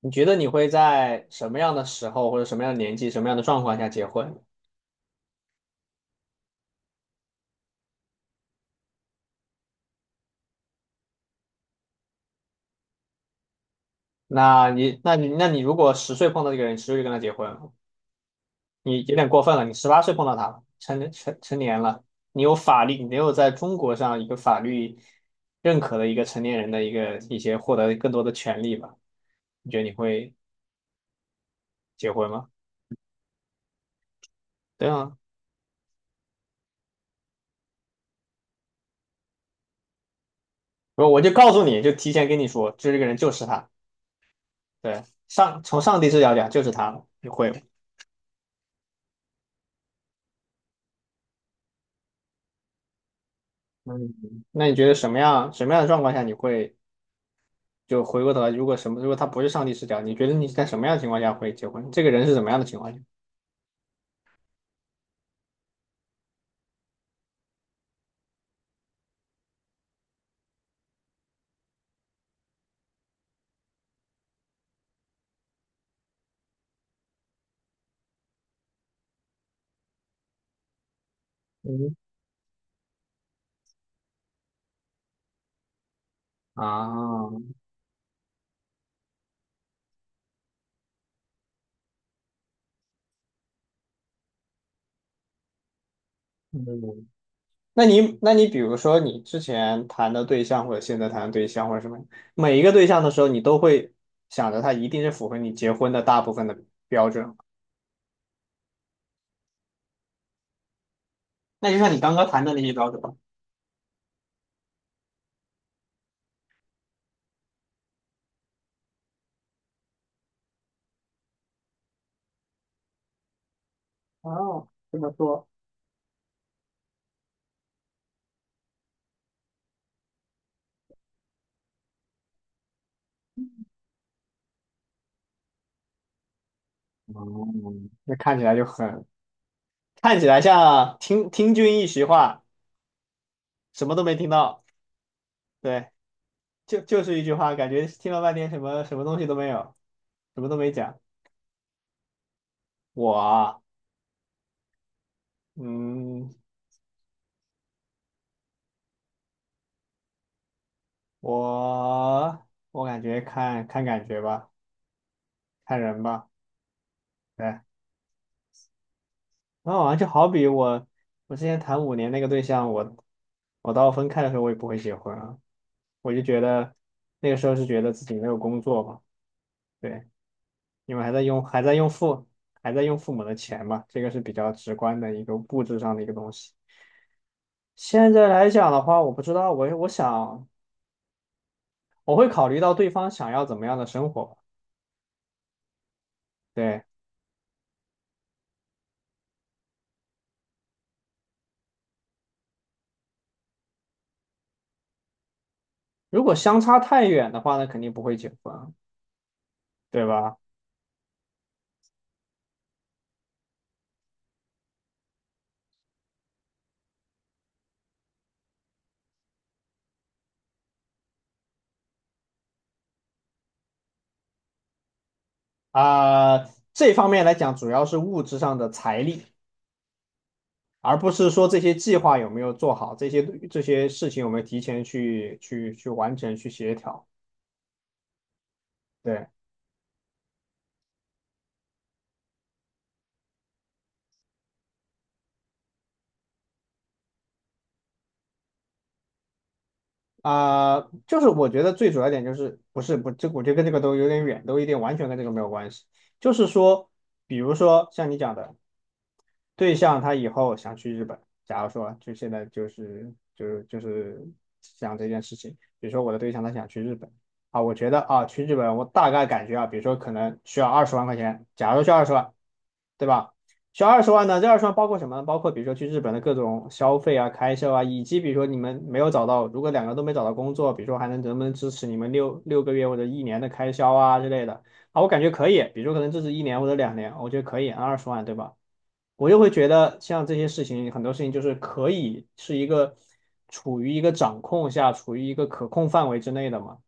你觉得你会在什么样的时候或者什么样的年纪、什么样的状况下结婚？那你如果十岁碰到这个人，十岁就跟他结婚了，你有点过分了。你18岁碰到他了，成年了，你有法律，你没有在中国上一个法律认可的一个成年人的一些获得更多的权利吧？你觉得你会结婚吗？对啊，我就告诉你，就提前跟你说，就这个人就是他，对，从上帝视角讲就是他了，你会吗？嗯，那你觉得什么样的状况下你会就回过头来？如果他不是上帝视角，你觉得你在什么样的情况下会结婚？这个人是怎么样的情况下？嗯啊，嗯，那你比如说你之前谈的对象或者现在谈的对象或者什么，每一个对象的时候，你都会想着他一定是符合你结婚的大部分的标准。那就像你刚刚谈的那些标准吧。哦，这么说。哦，那看起来就很，看起来像听君一席话，什么都没听到。对，就是一句话，感觉听了半天什么什么东西都没有，什么都没讲。我啊，嗯，我感觉看看感觉吧，看人吧。对，然后好像就好比我之前谈5年那个对象，我到分开的时候我也不会结婚啊，我就觉得那个时候是觉得自己没有工作嘛，对，因为还在用父母的钱嘛，这个是比较直观的一个物质上的一个东西。现在来讲的话，我不知道，我想我会考虑到对方想要怎么样的生活吧。对，如果相差太远的话，那肯定不会结婚，对吧？啊、这方面来讲，主要是物质上的财力，而不是说这些计划有没有做好，这些事情有没有提前去完成、去协调。对，啊、就是我觉得最主要一点就是不是不这我觉得跟这个都有点远，都有点完全跟这个没有关系。就是说，比如说像你讲的。对象他以后想去日本，假如说就现在就是想这件事情，比如说我的对象他想去日本啊，我觉得啊去日本我大概感觉啊，比如说可能需要20万块钱，假如需要二十万，对吧？需要二十万呢，这二十万包括什么呢？包括比如说去日本的各种消费啊、开销啊，以及比如说你们没有找到，如果两个都没找到工作，比如说还能不能支持你们六个月或者一年的开销啊之类的啊，我感觉可以，比如说可能支持一年或者2年，我觉得可以，二十万对吧？我又会觉得像这些事情，很多事情就是可以是一个处于一个掌控下，处于一个可控范围之内的嘛。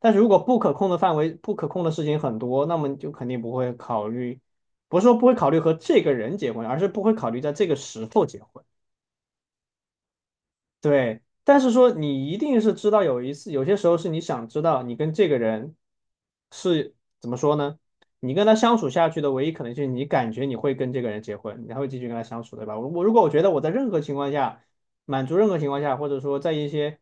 但是如果不可控的范围、不可控的事情很多，那么你就肯定不会考虑，不是说不会考虑和这个人结婚，而是不会考虑在这个时候结婚。对，但是说你一定是知道有一次，有些时候是你想知道你跟这个人是怎么说呢？你跟他相处下去的唯一可能性，你感觉你会跟这个人结婚，你还会继续跟他相处，对吧？我如果我觉得我在任何情况下满足任何情况下，或者说在一些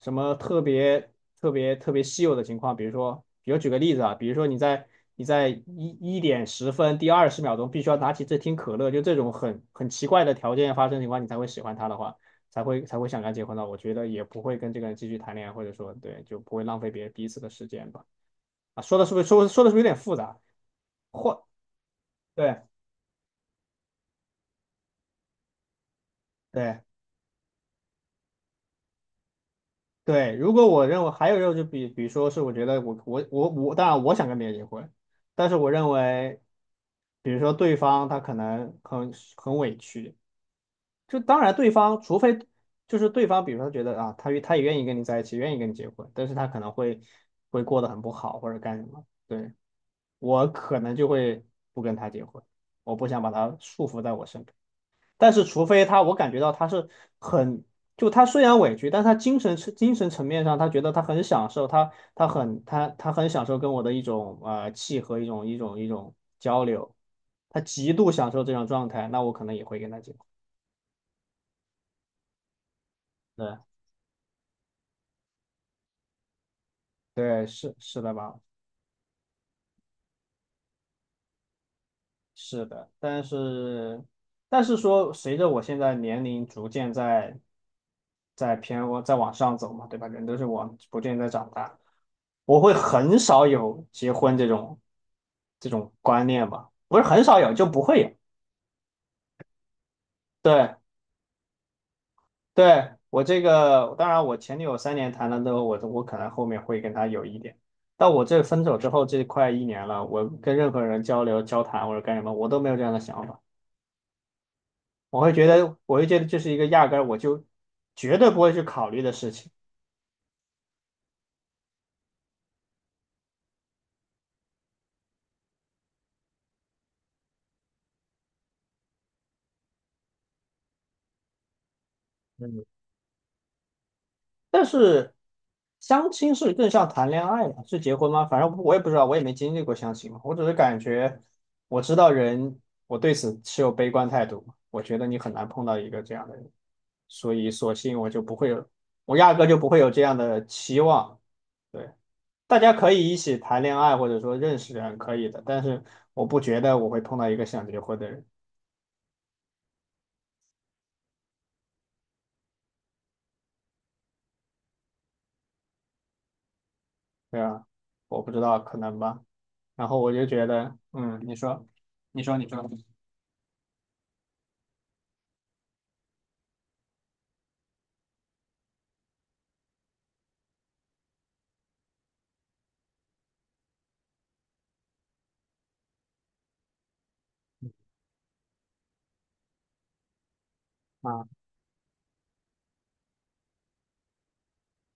什么特别特别特别稀有的情况，比如说，比如举个例子啊，比如说你在一点十分第20秒钟必须要拿起这听可乐，就这种很奇怪的条件发生情况，你才会喜欢他的话。才会想跟他结婚的。我觉得也不会跟这个人继续谈恋爱，或者说对，就不会浪费别人彼此的时间吧。啊，说的是不是有点复杂？或对对对，如果我认为还有一种就比如说是我觉得我，当然我想跟别人结婚，但是我认为，比如说对方他可能很委屈，就当然对方除非。就是对方，比如说觉得啊，他也愿意跟你在一起，愿意跟你结婚，但是他可能会过得很不好或者干什么。对，我可能就会不跟他结婚，我不想把他束缚在我身边。但是，除非他，我感觉到他是很，就他虽然委屈，但他精神层面上，他觉得他很享受，他很享受跟我的一种契合，一种交流，他极度享受这种状态，那我可能也会跟他结婚。对对，是的吧？是的，但是说，随着我现在年龄逐渐在往上走嘛，对吧？人都是往逐渐在长大，我会很少有结婚这种观念吧，不是很少有就不会有。对对，我这个当然，我前女友3年谈了之后，我可能后面会跟她有一点，但我这分手之后这快一年了，我跟任何人交流交谈或者干什么，我都没有这样的想法。我会觉得这是一个压根儿我就绝对不会去考虑的事情。嗯，但是相亲是更像谈恋爱嘛，是结婚吗？反正我也不知道，我也没经历过相亲嘛。我只是感觉，我知道人，我对此持有悲观态度嘛我觉得你很难碰到一个这样的人，所以索性我就不会有，我压根就不会有这样的期望。对，大家可以一起谈恋爱，或者说认识人可以的，但是我不觉得我会碰到一个想结婚的人。对啊，我不知道，可能吧。然后我就觉得，嗯，你说，你说，你说，啊，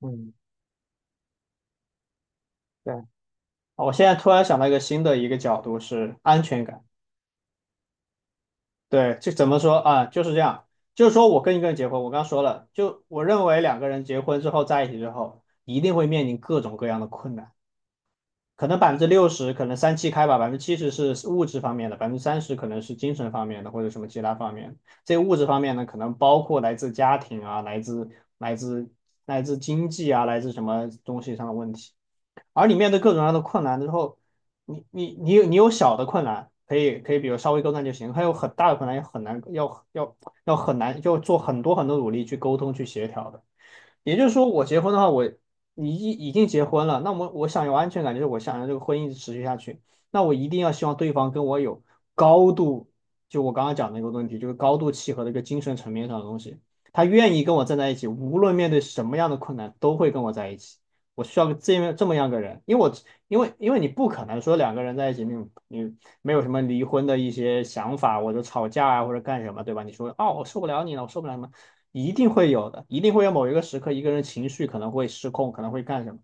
嗯，对，我现在突然想到一个新的角度是安全感。对，就怎么说啊，就是这样，就是说我跟一个人结婚，我刚说了，就我认为两个人结婚之后在一起之后，一定会面临各种各样的困难。可能60%，可能三七开吧，70%是物质方面的，30%可能是精神方面的或者什么其他方面。这物质方面呢，可能包括来自家庭啊，来自来自经济啊，来自什么东西上的问题。而你面对各种各样的困难之后，你有小的困难，可以可以，比如稍微沟通就行；还有很大的困难，也很难，要很难，要做很多很多努力去沟通去协调的。也就是说，我结婚的话，你已经结婚了，那我想有安全感，就是我想让这个婚姻持续下去，那我一定要希望对方跟我有高度，就我刚刚讲的那个问题，就是高度契合的一个精神层面上的东西，他愿意跟我站在一起，无论面对什么样的困难，都会跟我在一起。我需要个这么样个人，因为你不可能说两个人在一起，你没有什么离婚的一些想法，或者吵架啊，或者干什么，对吧？你说哦，我受不了你了，我受不了什么，一定会有的，一定会有某一个时刻，一个人情绪可能会失控，可能会干什么。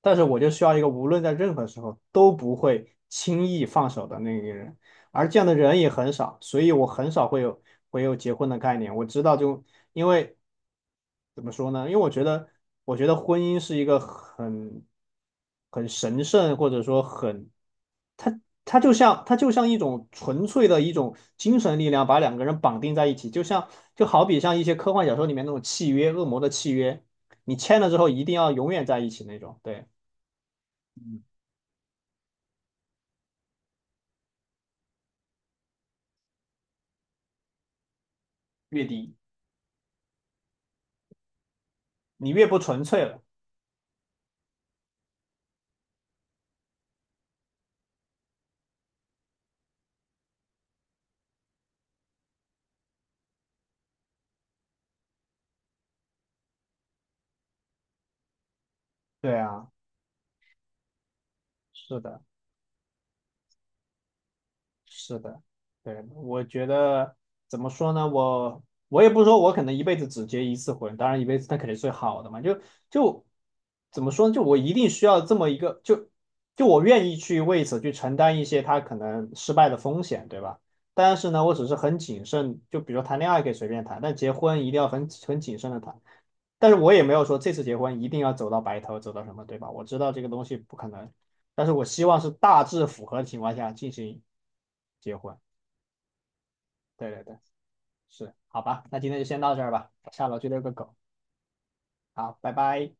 但是我就需要一个无论在任何时候都不会轻易放手的那个人，而这样的人也很少，所以我很少会有结婚的概念。我知道就，因为怎么说呢？因为我觉得婚姻是一个很神圣，或者说很，它它就像一种纯粹的一种精神力量，把两个人绑定在一起，就好比像一些科幻小说里面那种契约，恶魔的契约。你签了之后一定要永远在一起那种。对，越低，你越不纯粹了。对啊，是的，是的，对，我觉得怎么说呢？我也不说，我可能一辈子只结一次婚，当然一辈子那肯定是最好的嘛。就怎么说呢？就我一定需要这么一个，就我愿意去为此去承担一些他可能失败的风险，对吧？但是呢，我只是很谨慎，就比如说谈恋爱可以随便谈，但结婚一定要很谨慎的谈。但是我也没有说这次结婚一定要走到白头，走到什么，对吧？我知道这个东西不可能，但是我希望是大致符合的情况下进行结婚。对对对，是，好吧，那今天就先到这儿吧，下楼去遛个狗，好，拜拜。